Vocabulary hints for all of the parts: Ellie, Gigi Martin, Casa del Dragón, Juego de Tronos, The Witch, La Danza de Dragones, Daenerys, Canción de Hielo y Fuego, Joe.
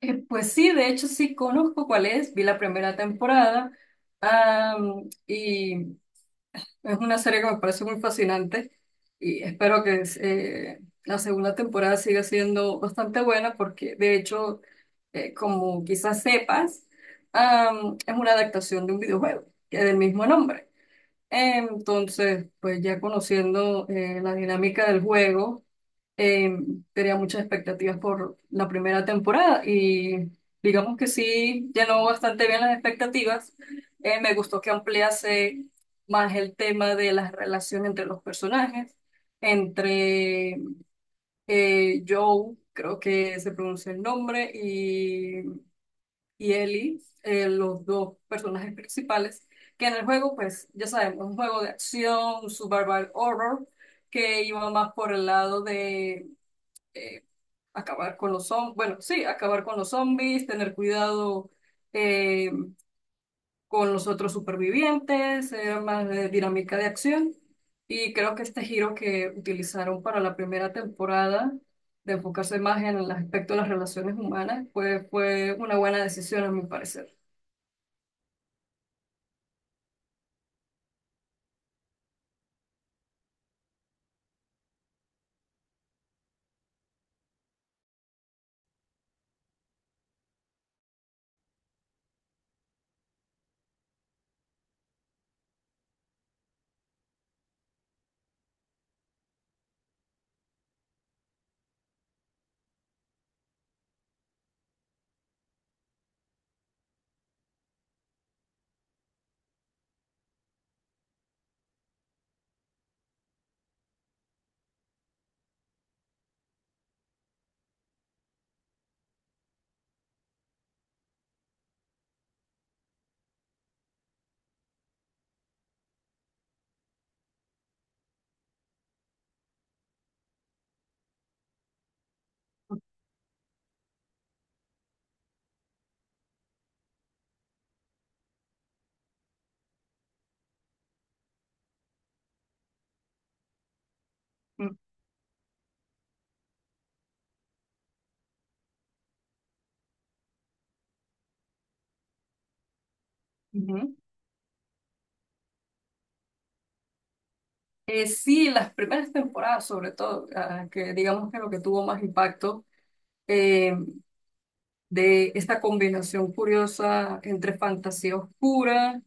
Pues sí, de hecho sí conozco cuál es. Vi la primera temporada y es una serie que me parece muy fascinante y espero que la segunda temporada siga siendo bastante buena porque de hecho, como quizás sepas, es una adaptación de un videojuego que es del mismo nombre. Entonces, pues ya conociendo la dinámica del juego, eh, tenía muchas expectativas por la primera temporada y digamos que sí llenó bastante bien las expectativas. Me gustó que ampliase más el tema de la relación entre los personajes, entre Joe, creo que se pronuncia el nombre, y Ellie, los dos personajes principales, que en el juego, pues ya sabemos, un juego de acción, un survival horror, que iba más por el lado de eh, acabar con los zombies. Bueno, sí, acabar con los zombies, tener cuidado eh, con los otros supervivientes, era más de dinámica de acción. Y creo que este giro que utilizaron para la primera temporada, de enfocarse más en el aspecto de las relaciones humanas, pues fue una buena decisión a mi parecer. Mm. Ujú. Sí, las primeras temporadas, sobre todo, que digamos que lo que tuvo más impacto eh, de esta combinación curiosa entre fantasía oscura,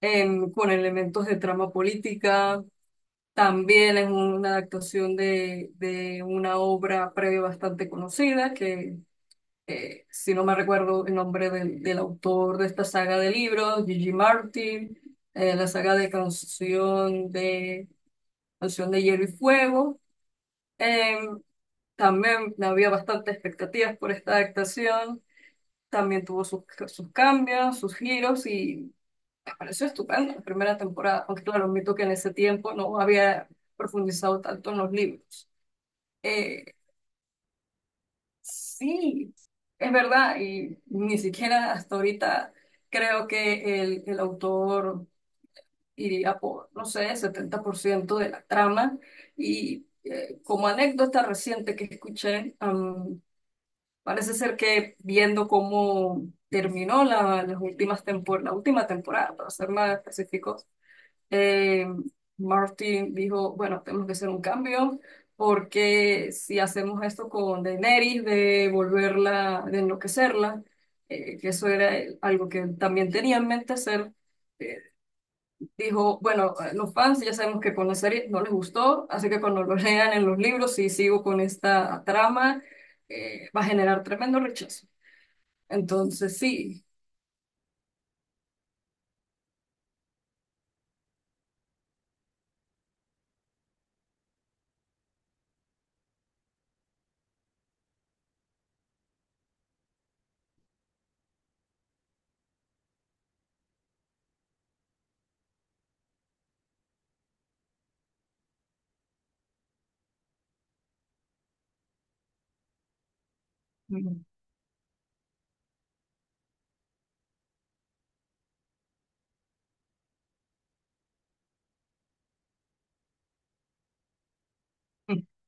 con elementos de trama política, también es una adaptación de una obra previa bastante conocida, que si no me recuerdo el nombre del autor de esta saga de libros, Gigi Martin, la saga de canción de... Canción de Hielo y Fuego. Eh, También había bastantes expectativas por esta adaptación. También tuvo sus cambios, sus giros y me pareció estupendo la primera temporada. Aunque claro, admito que en ese tiempo no había profundizado tanto en los libros. Eh, sí, es verdad y ni siquiera hasta ahorita creo que el autor iría por, no sé, 70% de la trama y como anécdota reciente que escuché, parece ser que viendo cómo terminó las últimas la última temporada, para ser más específicos, eh, Martin dijo, bueno, tenemos que hacer un cambio porque si hacemos esto con Daenerys, de volverla, de enloquecerla, que eso era algo que también tenía en mente hacer, eh, dijo, bueno, los fans ya sabemos que con la serie no les gustó, así que cuando lo lean en los libros, si sigo con esta trama, va a generar tremendo rechazo. Entonces, sí. Mm.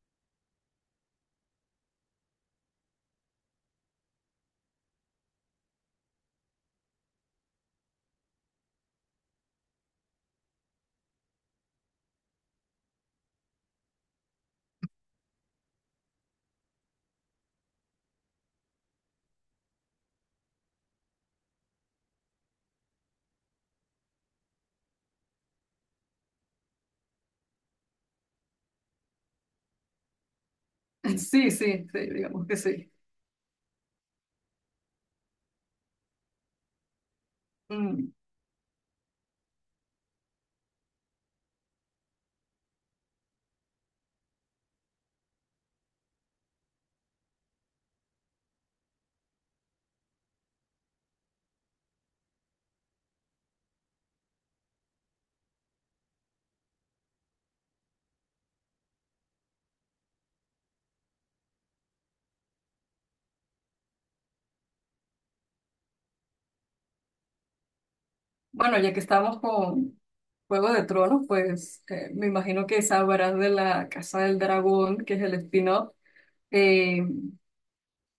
Sí, sí, sí, digamos que sí. Mm. Bueno, ya que estamos con Juego de Tronos, pues me imagino que sabrás de la Casa del Dragón, que es el spin-off, eh,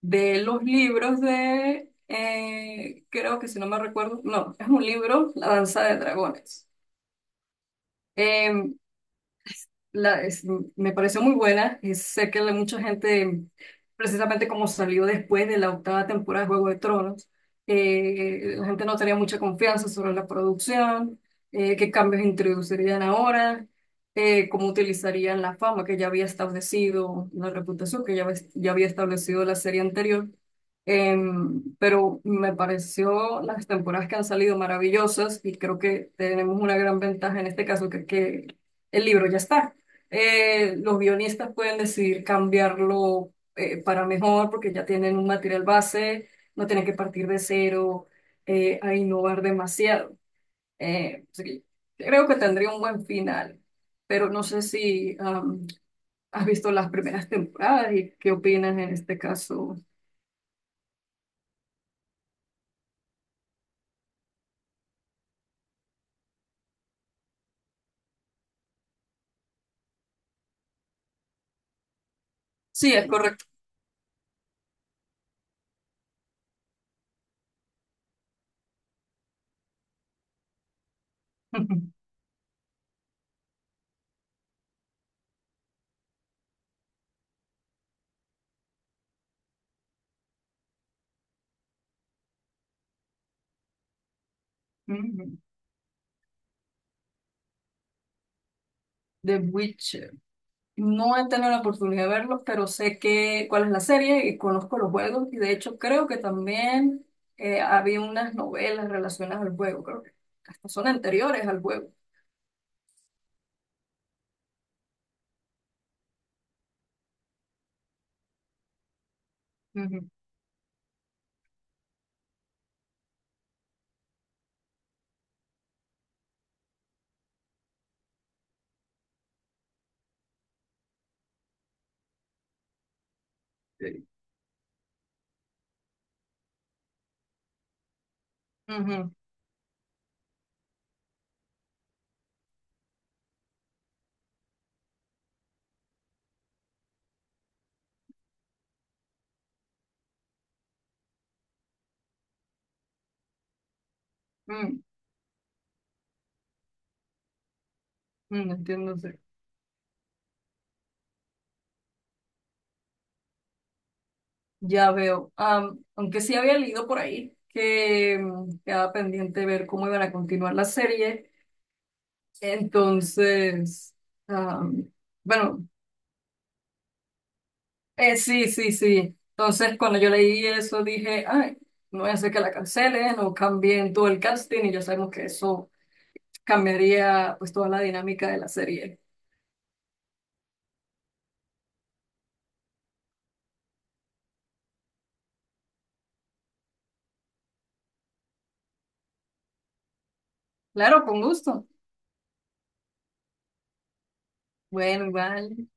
de los libros de, creo que si no me recuerdo, no, es un libro, La Danza de Dragones. Eh, la, es- Me pareció muy buena. Y sé que mucha gente, precisamente como salió después de la octava temporada de Juego de Tronos, la gente no tenía mucha confianza sobre la producción, qué cambios introducirían ahora, cómo utilizarían la fama que ya había establecido, la reputación que ya, ya había establecido la serie anterior. Pero me pareció las temporadas que han salido maravillosas y creo que tenemos una gran ventaja en este caso, que el libro ya está, los guionistas pueden decidir cambiarlo para mejor porque ya tienen un material base, no tienen que partir de cero a innovar demasiado. Así que creo que tendría un buen final, pero no sé si has visto las primeras temporadas y qué opinas en este caso. Sí, es correcto. Ujú. The Witch No he tenido la oportunidad de verlos, pero sé que cuál es la serie y conozco los juegos. Y de hecho creo que también había unas novelas relacionadas al juego, creo que hasta son anteriores al juego. Ujú. Sí. Ujú, mm, entiendo, sí. Ya veo. Aunque sí había leído por ahí que quedaba pendiente ver cómo iban a continuar la serie. Entonces, am, bueno, sí, sí, sí. Entonces, cuando yo leí eso, dije, ay, no voy a hacer que la cancelen o cambien todo el casting y ya sabemos que eso cambiaría pues toda la dinámica de la serie. Claro, con gusto. Bueno, igual.